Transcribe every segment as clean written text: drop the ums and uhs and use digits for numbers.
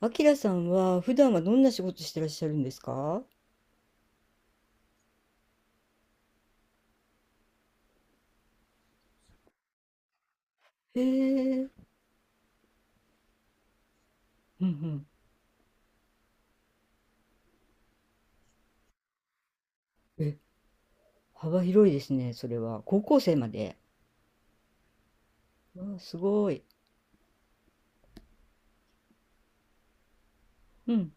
あきらさんは普段はどんな仕事してらっしゃるんですか？へえ、うんうん。え、幅広いですね、それは。高校生まで。わあ、すごい。うん、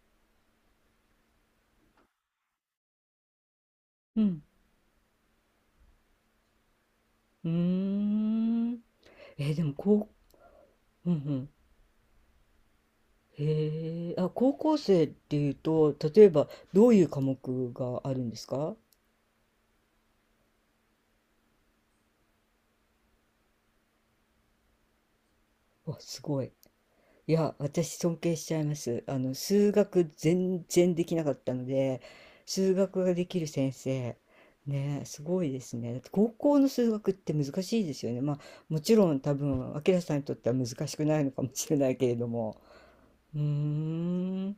うん。うーん。えでも、こう、うんうん。へえ、あ、高校生っていうと、例えば、どういう科目があるんですか？わ、すごい。いや、私尊敬しちゃいます。数学全然できなかったので、数学ができる先生、ね、すごいですね。だって高校の数学って難しいですよね。まあ、もちろん多分、明さんにとっては難しくないのかもしれないけれども。うーん。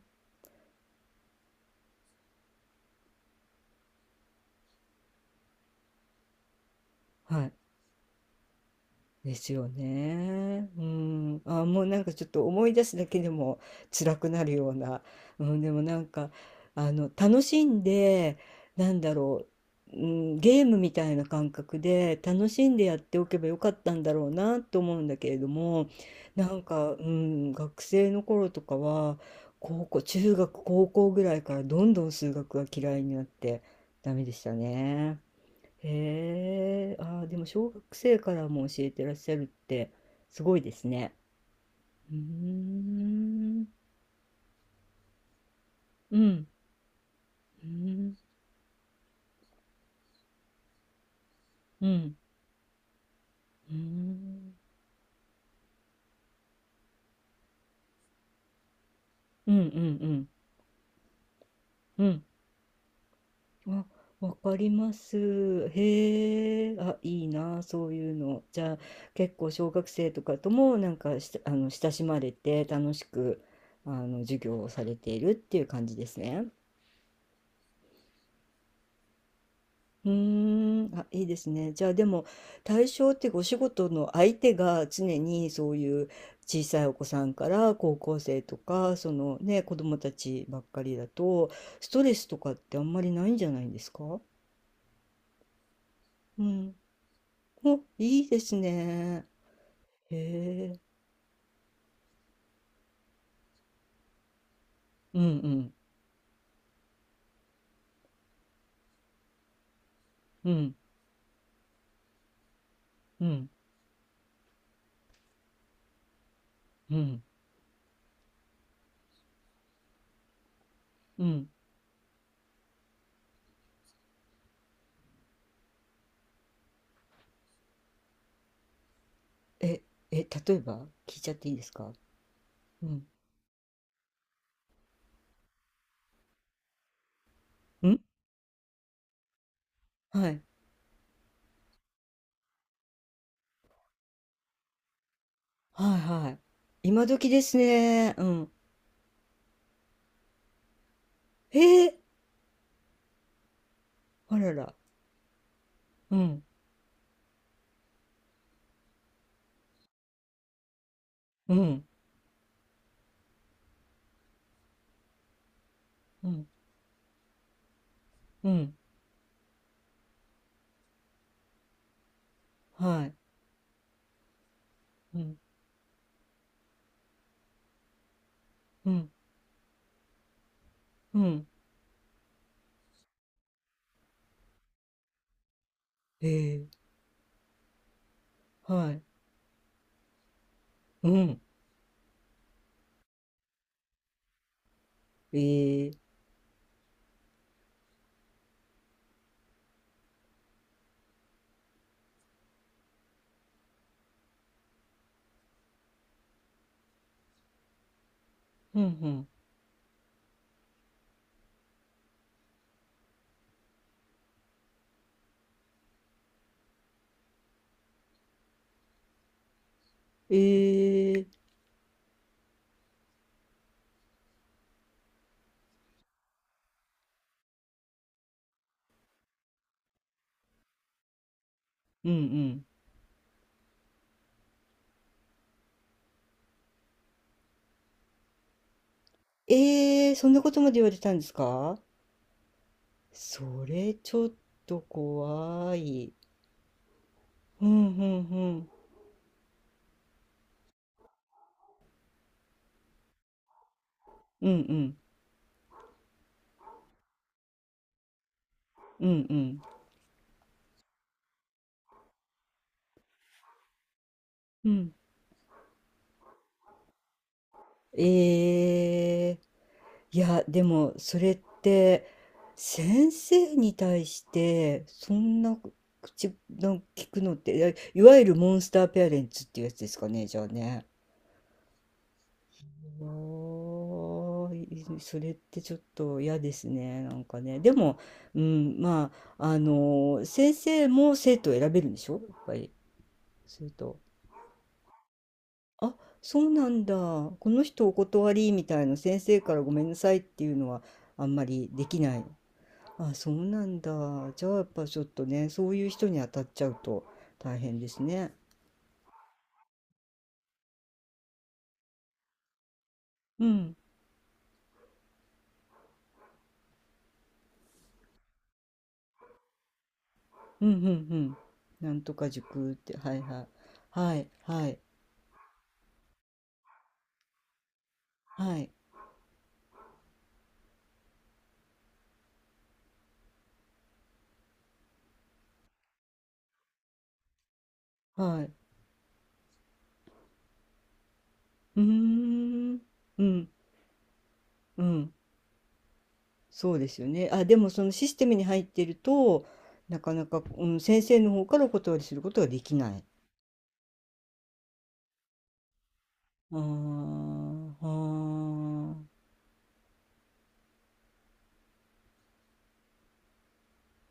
はい。ですよね。うん。あ、もうなんかちょっと思い出すだけでも辛くなるような。うん、でもなんか、楽しんで、なんだろう、うん、ゲームみたいな感覚で楽しんでやっておけばよかったんだろうなと思うんだけれども、なんか、うん、学生の頃とかは、高校、中学、高校ぐらいからどんどん数学が嫌いになってダメでしたね。へえ、ああ、でも小学生からも教えてらっしゃるってすごいですね。うーん、うん、うん、うん、うん、うん、うん、うん、うん。あ、わかります。へえ、あ、いいな、そういうの。じゃあ、結構小学生とかともなんかし、親しまれて楽しく、授業をされているっていう感じですね。うーん、あ、いいですね。じゃあでも対象ってお仕事の相手が常にそういう小さいお子さんから高校生とかそのね子供たちばっかりだとストレスとかってあんまりないんじゃないんですか？うん。お、いいですね。へえ。うんうんうんうんうんうんえ、例えば聞いちゃっていいですか？うん。んはい。はいはい。今時ですね。うん。へえ。あらら。うん、うん、うん、うん、はい、うん、うん、うん、ええ、はい、うん、えーうん、うん、えーうん、うん。えーそんなことまで言われたんですか？それ、ちょっと怖い。うん、うん、うん、うん、うん、うん、うん、うん。ええいや、でも、それって、先生に対して、そんな口の聞くのって、いやいわゆるモンスターペアレンツっていうやつですかね、じゃあね。おー、それってちょっと嫌ですね、なんかね。でも、うん、まあ、あの、先生も生徒を選べるんでしょやっぱり、すると。あ、そうなんだ。この人お断りみたいな先生からごめんなさいっていうのはあんまりできない。あ、そうなんだ。じゃあやっぱちょっとね、そういう人に当たっちゃうと大変ですね。うん、うん、うん、うん。なんとか塾って、はいはい。はい、はい、はい、はい。うーん、うん、うん。そうですよね。あ、でもそのシステムに入ってると、なかなか、うん、先生の方からお断りすることができない。ああ、はあ。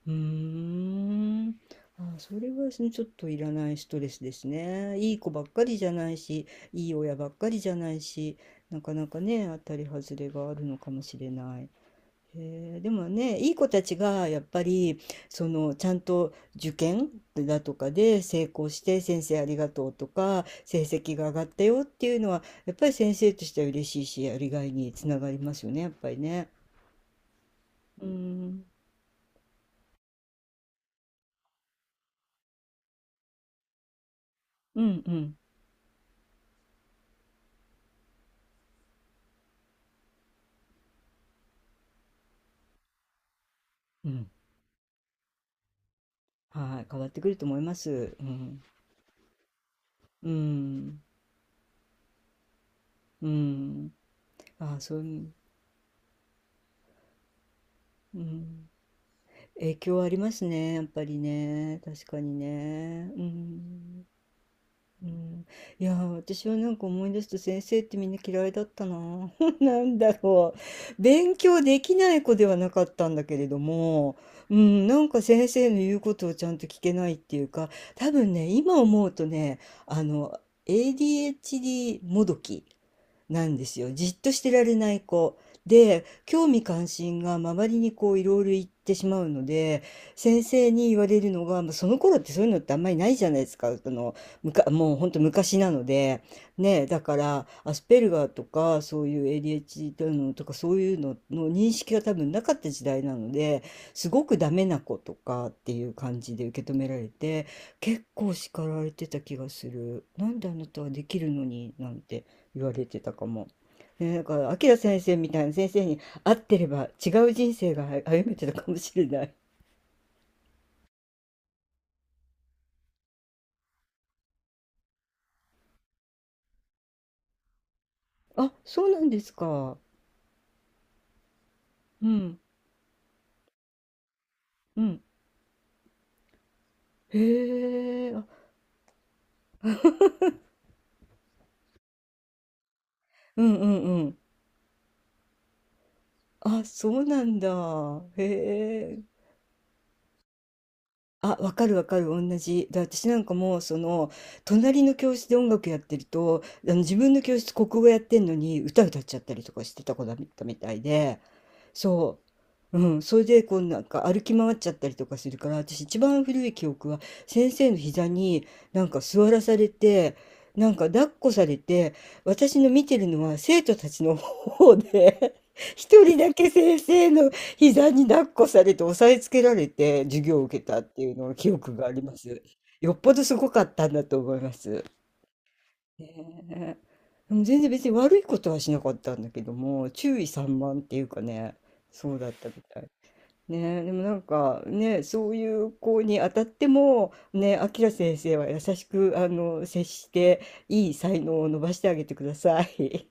うーん。あ、それはそのちょっといらないストレスですね。いい子ばっかりじゃないし、いい親ばっかりじゃないし、なかなかね、当たり外れがあるのかもしれない。へえ、でもね、いい子たちがやっぱり、その、ちゃんと受験だとかで成功して、先生ありがとうとか、成績が上がったよっていうのは、やっぱり先生としては嬉しいし、やりがいにつながりますよね、やっぱりね。うん、うん、うん、うん。はい、変わってくると思います。うん。うーん。うん。ああ、そういう、うん。影響ありますね、やっぱりね。確かにね。うん。うん。いやー、私はなんか思い出すと先生ってみんな嫌いだったな。なんだろう。勉強できない子ではなかったんだけれども、うん、なんか先生の言うことをちゃんと聞けないっていうか、多分ね、今思うとね、あの、ADHD もどき。なんですよ。じっとしてられない子。で、興味関心が周りにこういろいろ行ってしまうので、先生に言われるのが、まあ、その頃ってそういうのってあんまりないじゃないですか。もうほんと昔なので。ね、だから、アスペルガーとか、そういう ADHD のとか、そういうのの認識が多分なかった時代なので、すごくダメな子とかっていう感じで受け止められて、結構叱られてた気がする。なんであなたはできるのに、なんて。言われてたかも。ね、だから、明先生みたいな先生に会ってれば違う人生が歩めてたかもしれない。あ、そうなんですか？うん、うん。へえ、あ、うんうんうん。あ、そうなんだ。へえ。あ、わかるわかる、同じ。で、私なんかもう、その、隣の教室で音楽やってると、あの自分の教室国語やってんのに歌歌っちゃったりとかしてた子だったみたいで、そう。うん。それで、こう、なんか歩き回っちゃったりとかするから、私一番古い記憶は、先生の膝になんか座らされて、なんか抱っこされて、私の見てるのは生徒たちの方で、一人だけ先生の膝に抱っこされて押さえつけられて授業を受けたっていうのを記憶があります。よっぽどすごかったんだと思います。ねえ、でも全然別に悪いことはしなかったんだけども、注意散漫っていうかね、そうだったみたい。ねえ、でもなんかね、そういう子に当たっても、ね、あきら先生は優しく接して、いい才能を伸ばしてあげてください。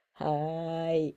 はーい。